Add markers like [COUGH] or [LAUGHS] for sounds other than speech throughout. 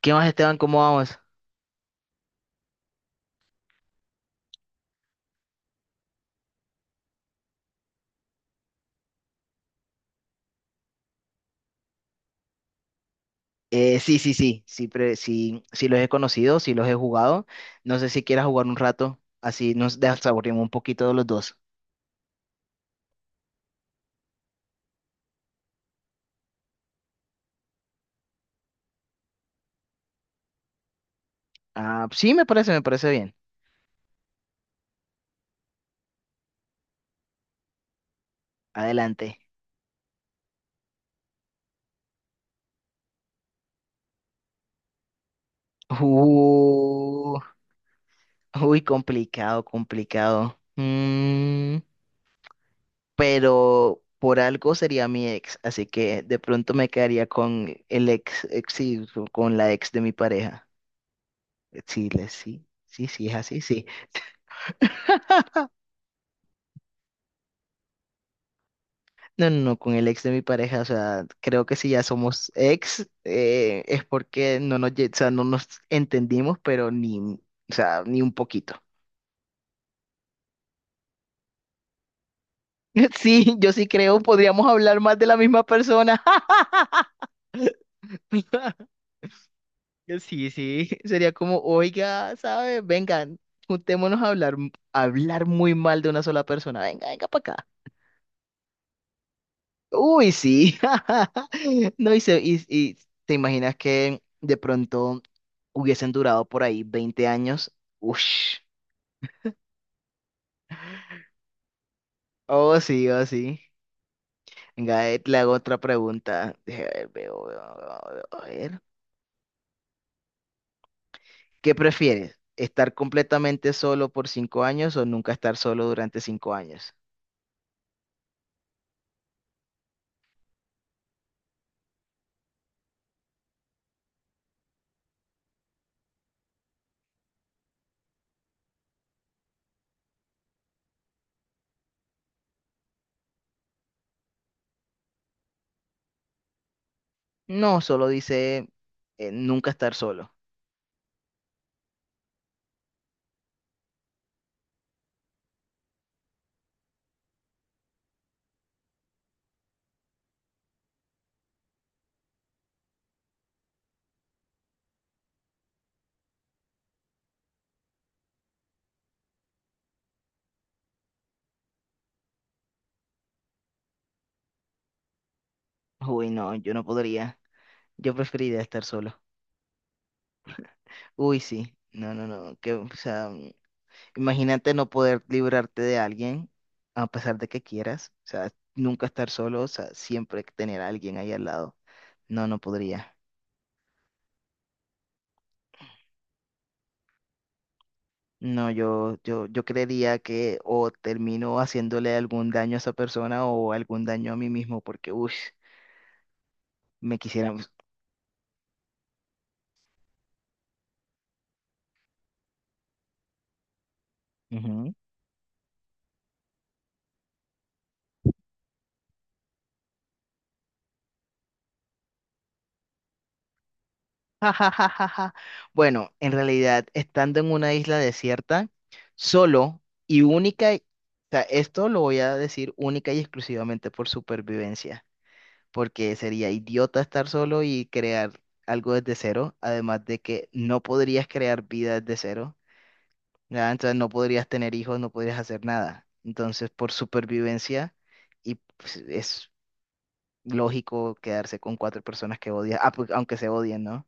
¿Qué más, Esteban? ¿Cómo vamos? Sí, sí, sí, sí, sí, sí los he conocido, sí los he jugado. No sé si quieras jugar un rato, así nos desaburrimos un poquito de los dos. Ah, sí, me parece bien. Adelante. Uh, uy, complicado, complicado. Pero por algo sería mi ex, así que de pronto me quedaría con el ex sí, con la ex de mi pareja. Sí, sí, sí, sí, es así, sí. No, no, no, con el ex de mi pareja, o sea, creo que si ya somos ex, es porque no nos, lle- o sea, no nos entendimos, pero ni, o sea, ni un poquito. [LAUGHS] Sí, yo sí creo, podríamos hablar más de la misma persona. [LAUGHS] Sí, sí, sería como, oiga, ¿sabes? Vengan, juntémonos a hablar, hablar muy mal de una sola persona. Venga, venga para acá. Uy, sí. [LAUGHS] No, y te imaginas que de pronto hubiesen durado por ahí 20 años. Ush. Oh, sí, oh, sí. Venga, le hago otra pregunta. Deje ver, veo, veo, veo, veo, a ver. ¿Qué prefieres? ¿Estar completamente solo por 5 años o nunca estar solo durante 5 años? No, solo dice nunca estar solo. Uy, no, yo no podría. Yo preferiría estar solo. Uy, sí. No, no, no. Que, o sea. Imagínate no poder librarte de alguien a pesar de que quieras. O sea, nunca estar solo, o sea, siempre tener a alguien ahí al lado. No, no podría. No, yo creería que o termino haciéndole algún daño a esa persona o algún daño a mí mismo porque, uff, me quisiera. Ujú. [LAUGHS] Ja, ja, ja, ja, ja. Bueno, en realidad, estando en una isla desierta, solo y única, o sea, esto lo voy a decir única y exclusivamente por supervivencia. Porque sería idiota estar solo y crear algo desde cero, además de que no podrías crear vida desde cero, ¿ya? Entonces no podrías tener hijos, no podrías hacer nada. Entonces, por supervivencia, y pues, es lógico quedarse con cuatro personas que odias, ah, pues, aunque se odien, ¿no?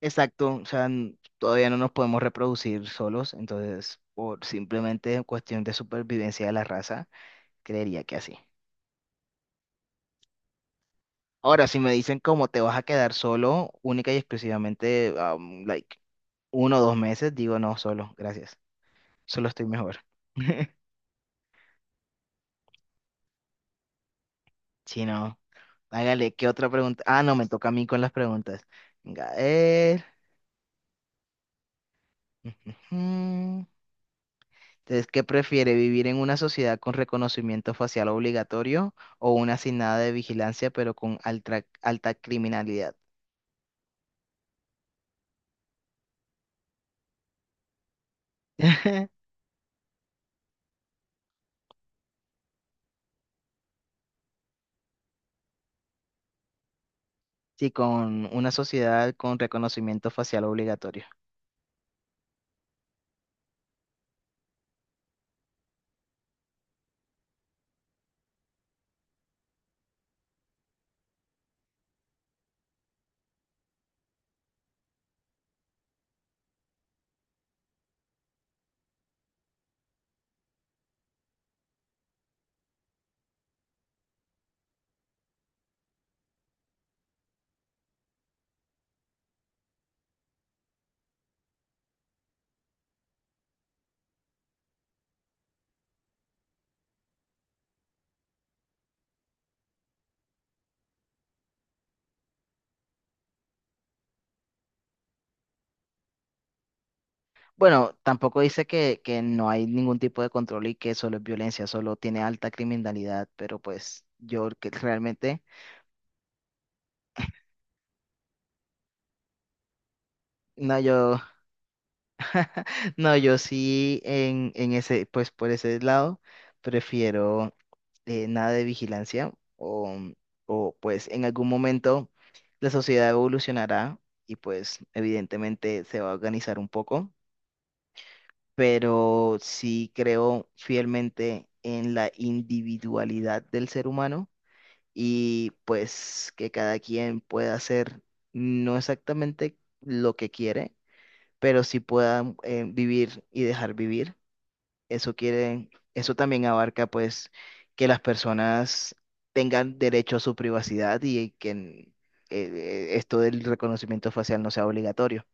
Exacto, o sea, todavía no nos podemos reproducir solos, entonces, por simplemente cuestión de supervivencia de la raza, creería que así. Ahora, si me dicen cómo te vas a quedar solo, única y exclusivamente, like, 1 o 2 meses, digo no, solo, gracias. Solo estoy mejor. [LAUGHS] Si no, hágale, ¿qué otra pregunta? Ah, no, me toca a mí con las preguntas. Venga, a ver. Ujujú. Entonces, ¿qué prefiere, vivir en una sociedad con reconocimiento facial obligatorio o una sin nada de vigilancia, pero con alta, alta criminalidad? [LAUGHS] Sí, con una sociedad con reconocimiento facial obligatorio. Bueno, tampoco dice que no hay ningún tipo de control y que solo es violencia, solo tiene alta criminalidad, pero pues yo que realmente, no, yo, [LAUGHS] no, yo sí en ese, pues por ese lado, prefiero nada de vigilancia o pues en algún momento la sociedad evolucionará y pues evidentemente se va a organizar un poco, pero sí creo fielmente en la individualidad del ser humano y pues que cada quien pueda hacer no exactamente lo que quiere, pero sí pueda vivir y dejar vivir. Eso quiere, eso también abarca pues que las personas tengan derecho a su privacidad y que esto del reconocimiento facial no sea obligatorio.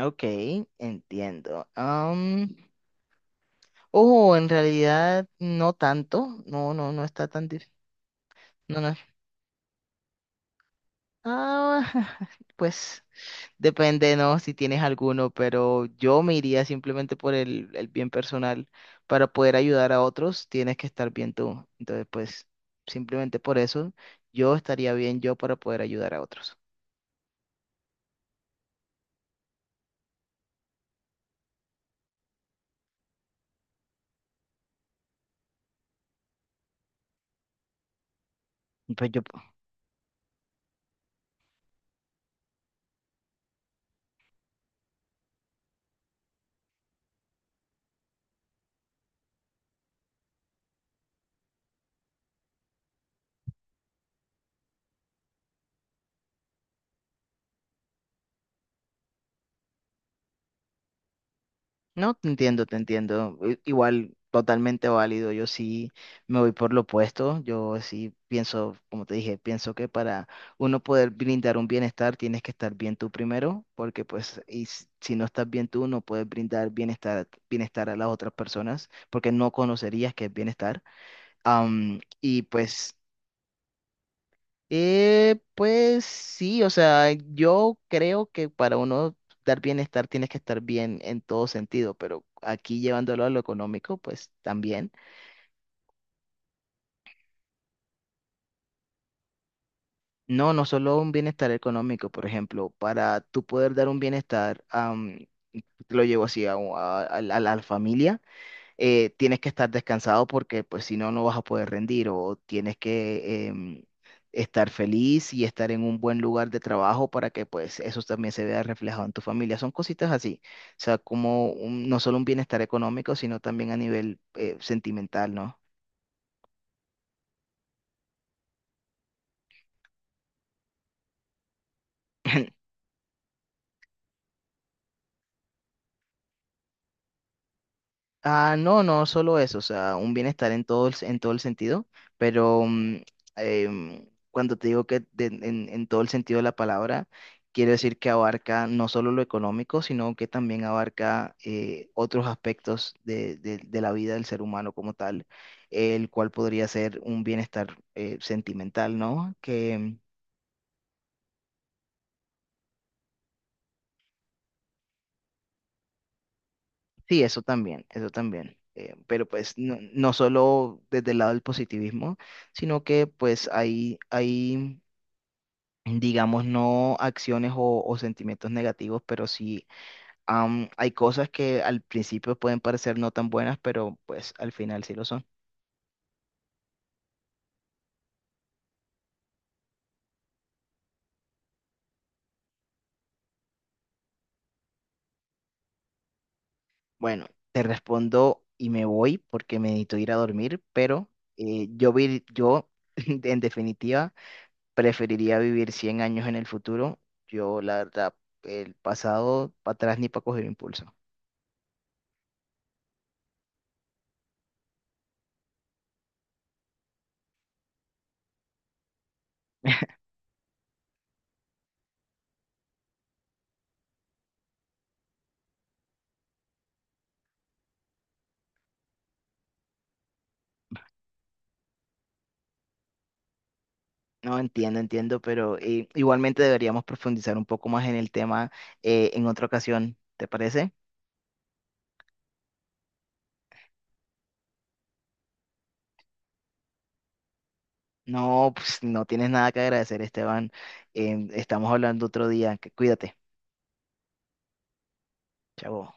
Ok, entiendo. Oh, en realidad no tanto. No, no, no está tan. No, no. Ah, [LAUGHS] pues depende, ¿no? Si tienes alguno, pero yo me iría simplemente por el bien personal. Para poder ayudar a otros, tienes que estar bien tú. Entonces, pues, simplemente por eso, yo estaría bien yo para poder ayudar a otros. Pues yo. No, te entiendo, te entiendo. Igual, totalmente válido. Yo sí me voy por lo opuesto. Yo sí pienso, como te dije, pienso que para uno poder brindar un bienestar tienes que estar bien tú primero, porque pues si no estás bien tú, no puedes brindar bienestar a las otras personas, porque no conocerías qué es bienestar. Y pues sí, o sea, yo creo que para uno dar bienestar tienes que estar bien en todo sentido, pero aquí llevándolo a lo económico, pues también. No, no solo un bienestar económico, por ejemplo, para tú poder dar un bienestar, lo llevo así a, un- a la familia. Tienes que estar descansado porque pues si no, no vas a poder rendir o tienes que estar feliz y estar en un buen lugar de trabajo para que pues eso también se vea reflejado en tu familia. Son cositas así, o sea, como no solo un bienestar económico, sino también a nivel sentimental, ¿no? Ah, no, no solo eso, o sea, un bienestar en todo el sentido, pero cuando te digo que en todo el sentido de la palabra, quiero decir que abarca no solo lo económico, sino que también abarca otros aspectos de la vida del ser humano como tal, el cual podría ser un bienestar sentimental, ¿no? Sí, eso también, eso también. Pero pues no, no solo desde el lado del positivismo, sino que pues hay digamos, no acciones o sentimientos negativos, pero sí hay cosas que al principio pueden parecer no tan buenas, pero pues al final sí lo son. Bueno, te respondo y me voy porque me necesito ir a dormir, pero yo [LAUGHS] en definitiva preferiría vivir 100 años en el futuro. Yo, la verdad, el pasado para atrás ni para coger impulso. No, entiendo, entiendo, pero igualmente deberíamos profundizar un poco más en el tema en otra ocasión, ¿te parece? No, pues no tienes nada que agradecer, Esteban. Estamos hablando otro día. Cuídate. Chao.